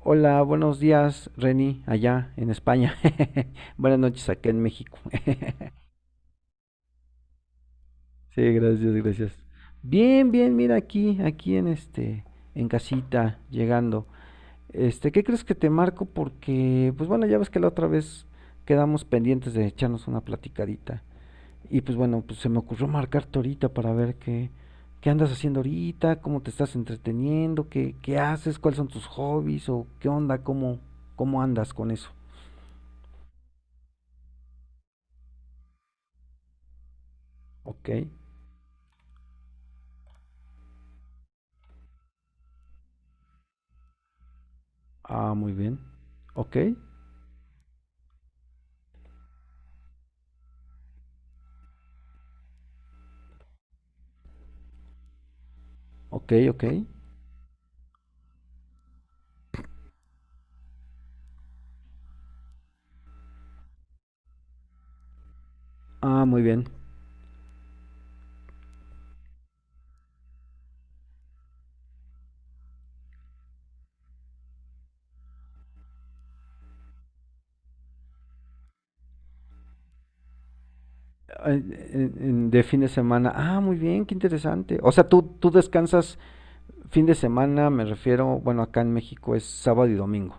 Hola, buenos días, Reni, allá en España. Buenas noches acá en México. Sí, gracias, gracias. Bien, bien, mira aquí en en casita, llegando. Este, ¿qué crees que te marco? Porque, pues bueno, ya ves que la otra vez quedamos pendientes de echarnos una platicadita. Y pues bueno, pues se me ocurrió marcarte ahorita para ver qué andas haciendo ahorita, cómo te estás entreteniendo, qué haces, cuáles son tus hobbies o qué onda, cómo andas con eso. Ok. Ah, muy bien. Ok, ok, ok. Ah, muy bien. En- en- de fin de semana. Ah, muy bien, qué interesante. O sea, tú descansas fin de semana, me refiero, bueno, acá en México es sábado y domingo.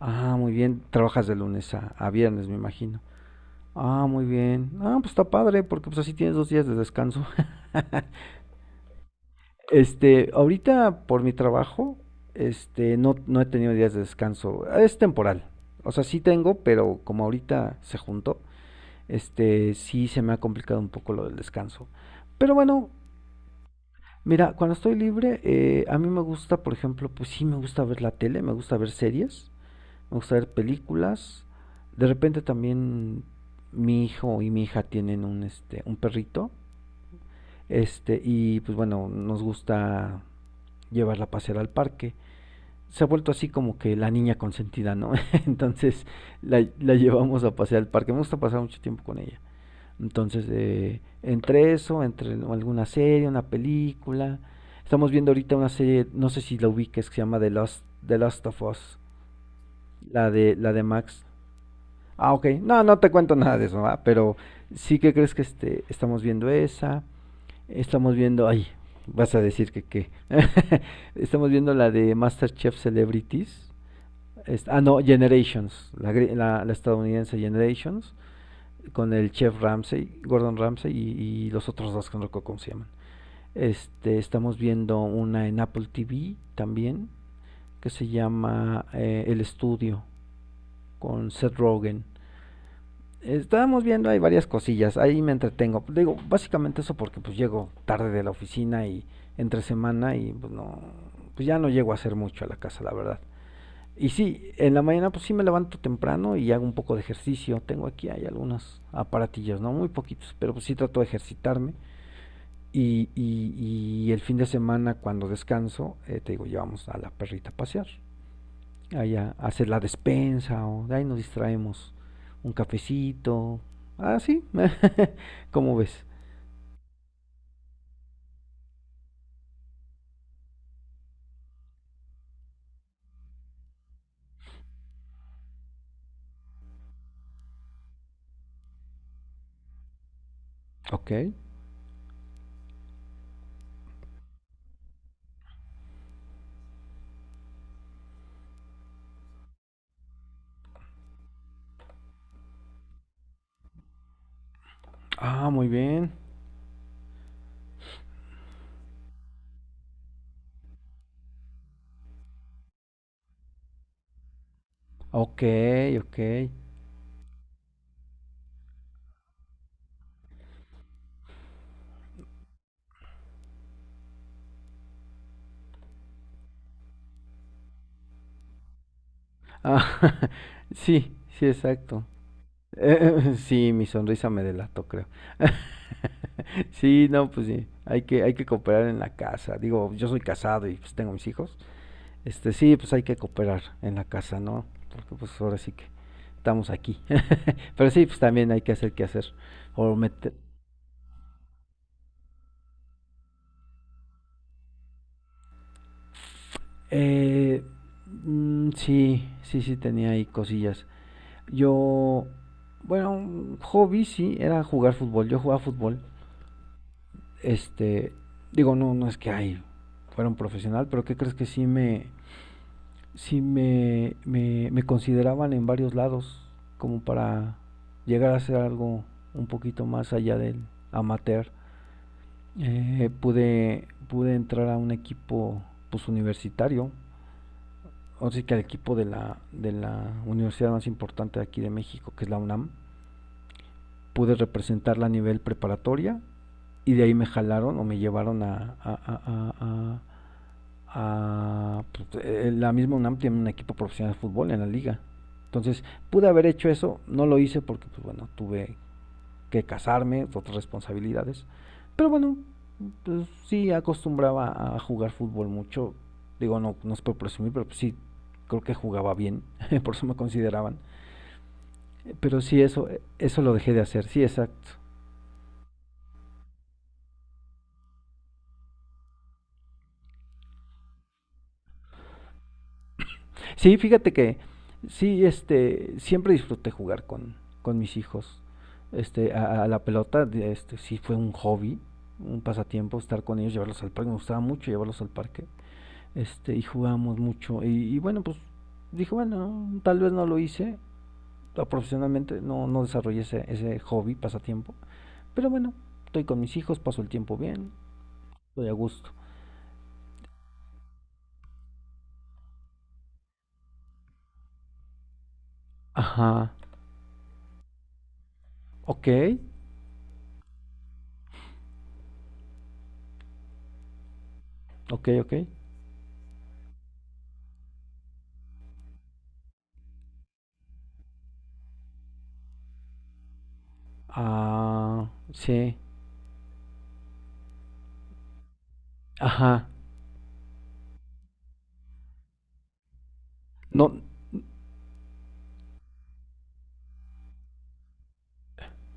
Ah, muy bien. Trabajas de lunes a viernes, me imagino. Ah, muy bien. Ah, pues está padre, porque pues así tienes dos días de descanso. Este, ahorita por mi trabajo, no, no he tenido días de descanso. Es temporal. O sea, sí tengo, pero como ahorita se juntó, este, sí se me ha complicado un poco lo del descanso. Pero bueno, mira, cuando estoy libre, a mí me gusta, por ejemplo, pues sí me gusta ver la tele, me gusta ver series, me gusta ver películas. De repente también mi hijo y mi hija tienen un perrito, este, y pues bueno, nos gusta llevarla a pasear al parque. Se ha vuelto así como que la niña consentida, ¿no? Entonces la llevamos a pasear al parque. Me gusta pasar mucho tiempo con ella. Entonces, entre eso, entre alguna serie, una película. Estamos viendo ahorita una serie, no sé si la ubiques, que se llama The Last of Us, la de Max. Ah, ok. No, no te cuento nada de eso, ¿va? Pero sí que crees que estamos viendo esa. Estamos viendo, ay, vas a decir que qué. Estamos viendo la de MasterChef Celebrities. No, Generations, la estadounidense Generations con el chef Ramsay Gordon Ramsay y los otros dos que no recuerdo cómo se llaman. Este, estamos viendo una en Apple TV también que se llama El Estudio con Seth Rogen. Estábamos viendo hay varias cosillas, ahí me entretengo. Digo, básicamente eso porque pues llego tarde de la oficina y entre semana y pues ya no llego a hacer mucho a la casa, la verdad. Y sí, en la mañana pues sí me levanto temprano y hago un poco de ejercicio. Tengo aquí, hay algunos aparatillos, ¿no? Muy poquitos, pero pues sí trato de ejercitarme. Y el fin de semana cuando descanso, te digo, llevamos a la perrita a pasear. Allá a hacer la despensa o de ahí nos distraemos. Un cafecito. Ah, sí. ¿Cómo ves? Ok. Ah, muy bien. Ok, ok. Ah, sí, sí, exacto. Sí, mi sonrisa me delató, creo. Sí, no, pues sí, hay que cooperar en la casa. Digo, yo soy casado y pues tengo mis hijos. Este, sí, pues hay que cooperar en la casa, ¿no? Porque pues ahora sí que estamos aquí. Pero sí, pues también hay que hacer qué hacer. O meter... Eh, sí, sí tenía ahí cosillas. Yo, bueno, un hobby sí, era jugar fútbol. Yo jugaba fútbol. Este, digo, no, no es que ay, fuera un profesional, pero ¿qué crees que sí me consideraban en varios lados como para llegar a hacer algo un poquito más allá del amateur. Pude entrar a un equipo pues universitario, o sea que al equipo de la universidad más importante de aquí de México, que es la UNAM, pude representarla a nivel preparatoria y de ahí me jalaron o me llevaron a Ah, pues, la misma UNAM tiene un equipo profesional de fútbol en la liga. Entonces, pude haber hecho eso, no lo hice porque, pues bueno, tuve que casarme, otras responsabilidades. Pero bueno, pues, sí acostumbraba a jugar fútbol mucho. Digo, no, no es por presumir, pero pues, sí creo que jugaba bien, por eso me consideraban. Pero sí, eso, eso lo dejé de hacer, sí, exacto. Sí, fíjate que sí, este, siempre disfruté jugar con mis hijos. A la pelota, sí fue un hobby, un pasatiempo estar con ellos, llevarlos al parque. Me gustaba mucho llevarlos al parque. Este, y jugábamos mucho. Y bueno, pues dije, bueno, tal vez no lo hice profesionalmente, no, no desarrollé ese hobby, pasatiempo. Pero bueno, estoy con mis hijos, paso el tiempo bien, estoy a gusto. Ajá. Ok, ok, ok. Ah, sí. Ajá. No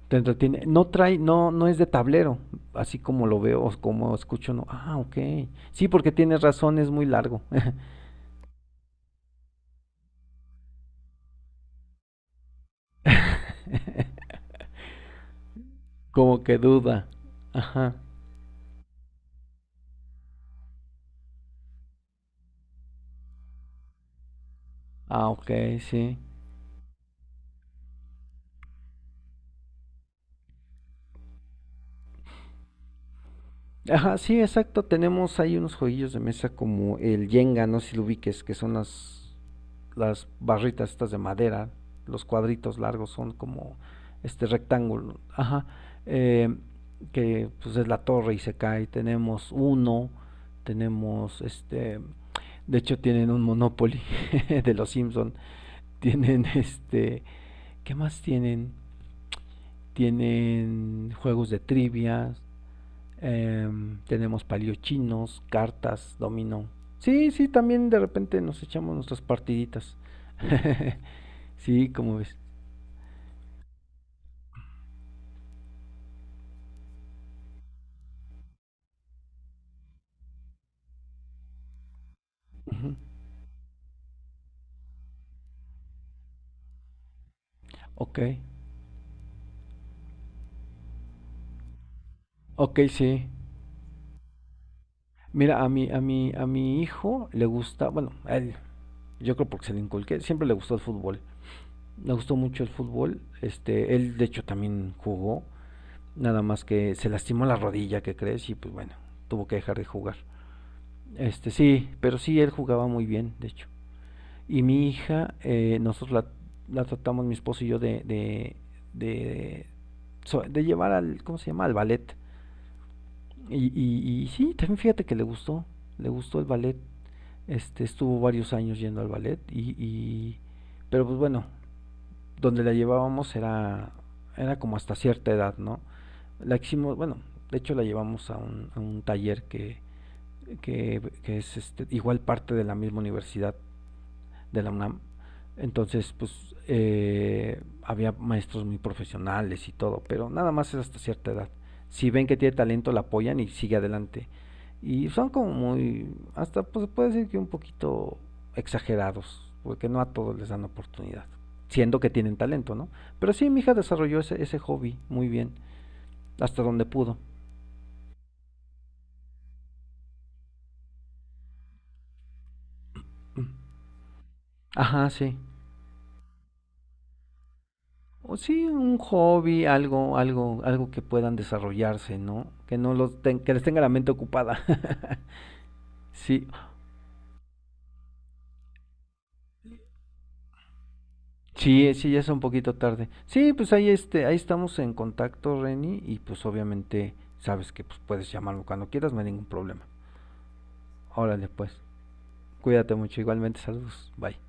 te entretiene, no trae, no es de tablero, así como lo veo, o como escucho, no, ah, ok, sí, porque tienes razón, es muy largo, como que duda, ajá, ah, ok, sí, ajá, sí, exacto, tenemos ahí unos jueguillos de mesa como el Jenga, no sé si lo ubiques, que son las barritas estas de madera, los cuadritos largos son como este rectángulo, ajá, eh, que pues es la torre y se cae. Tenemos uno, tenemos este, de hecho tienen un Monopoly de los Simpson, tienen este, ¿qué más tienen? Tienen juegos de trivia eh, tenemos paliochinos, cartas, dominó. Sí, sí, también de repente nos echamos nuestras partiditas. Sí, como ves. Ujú. Ok, ok, sí. Mira, a mi hijo le gusta, bueno, a él, yo creo porque se le inculqué, siempre le gustó el fútbol. Le gustó mucho el fútbol. Este, él de hecho también jugó, nada más que se lastimó la rodilla, ¿qué crees? Y pues bueno, tuvo que dejar de jugar. Este, sí, pero sí, él jugaba muy bien, de hecho. Y mi hija, la tratamos, mi esposo y yo, de, de llevar al, ¿cómo se llama? Al ballet. Y sí, también fíjate que le gustó el ballet. Este, estuvo varios años yendo al ballet pero pues bueno, donde la llevábamos era como hasta cierta edad, ¿no? La hicimos, bueno, de hecho la llevamos a un taller que es este, igual parte de la misma universidad de la UNAM. Entonces, pues había maestros muy profesionales y todo, pero nada más es hasta cierta edad. Si ven que tiene talento, la apoyan y sigue adelante. Y son como muy, hasta pues puede decir que un poquito exagerados, porque no a todos les dan oportunidad, siendo que tienen talento, ¿no? Pero sí, mi hija desarrolló ese hobby muy bien, hasta donde pudo. Ajá, sí. O sí, un hobby, algo que puedan desarrollarse, ¿no? Que no los ten- que les tenga la mente ocupada. Sí, sí, ya es un poquito tarde. Sí, pues ahí este, ahí estamos en contacto, Reni, y pues obviamente sabes que pues puedes llamarlo cuando quieras, no hay ningún problema. Órale, pues. Cuídate mucho, igualmente, saludos. Bye.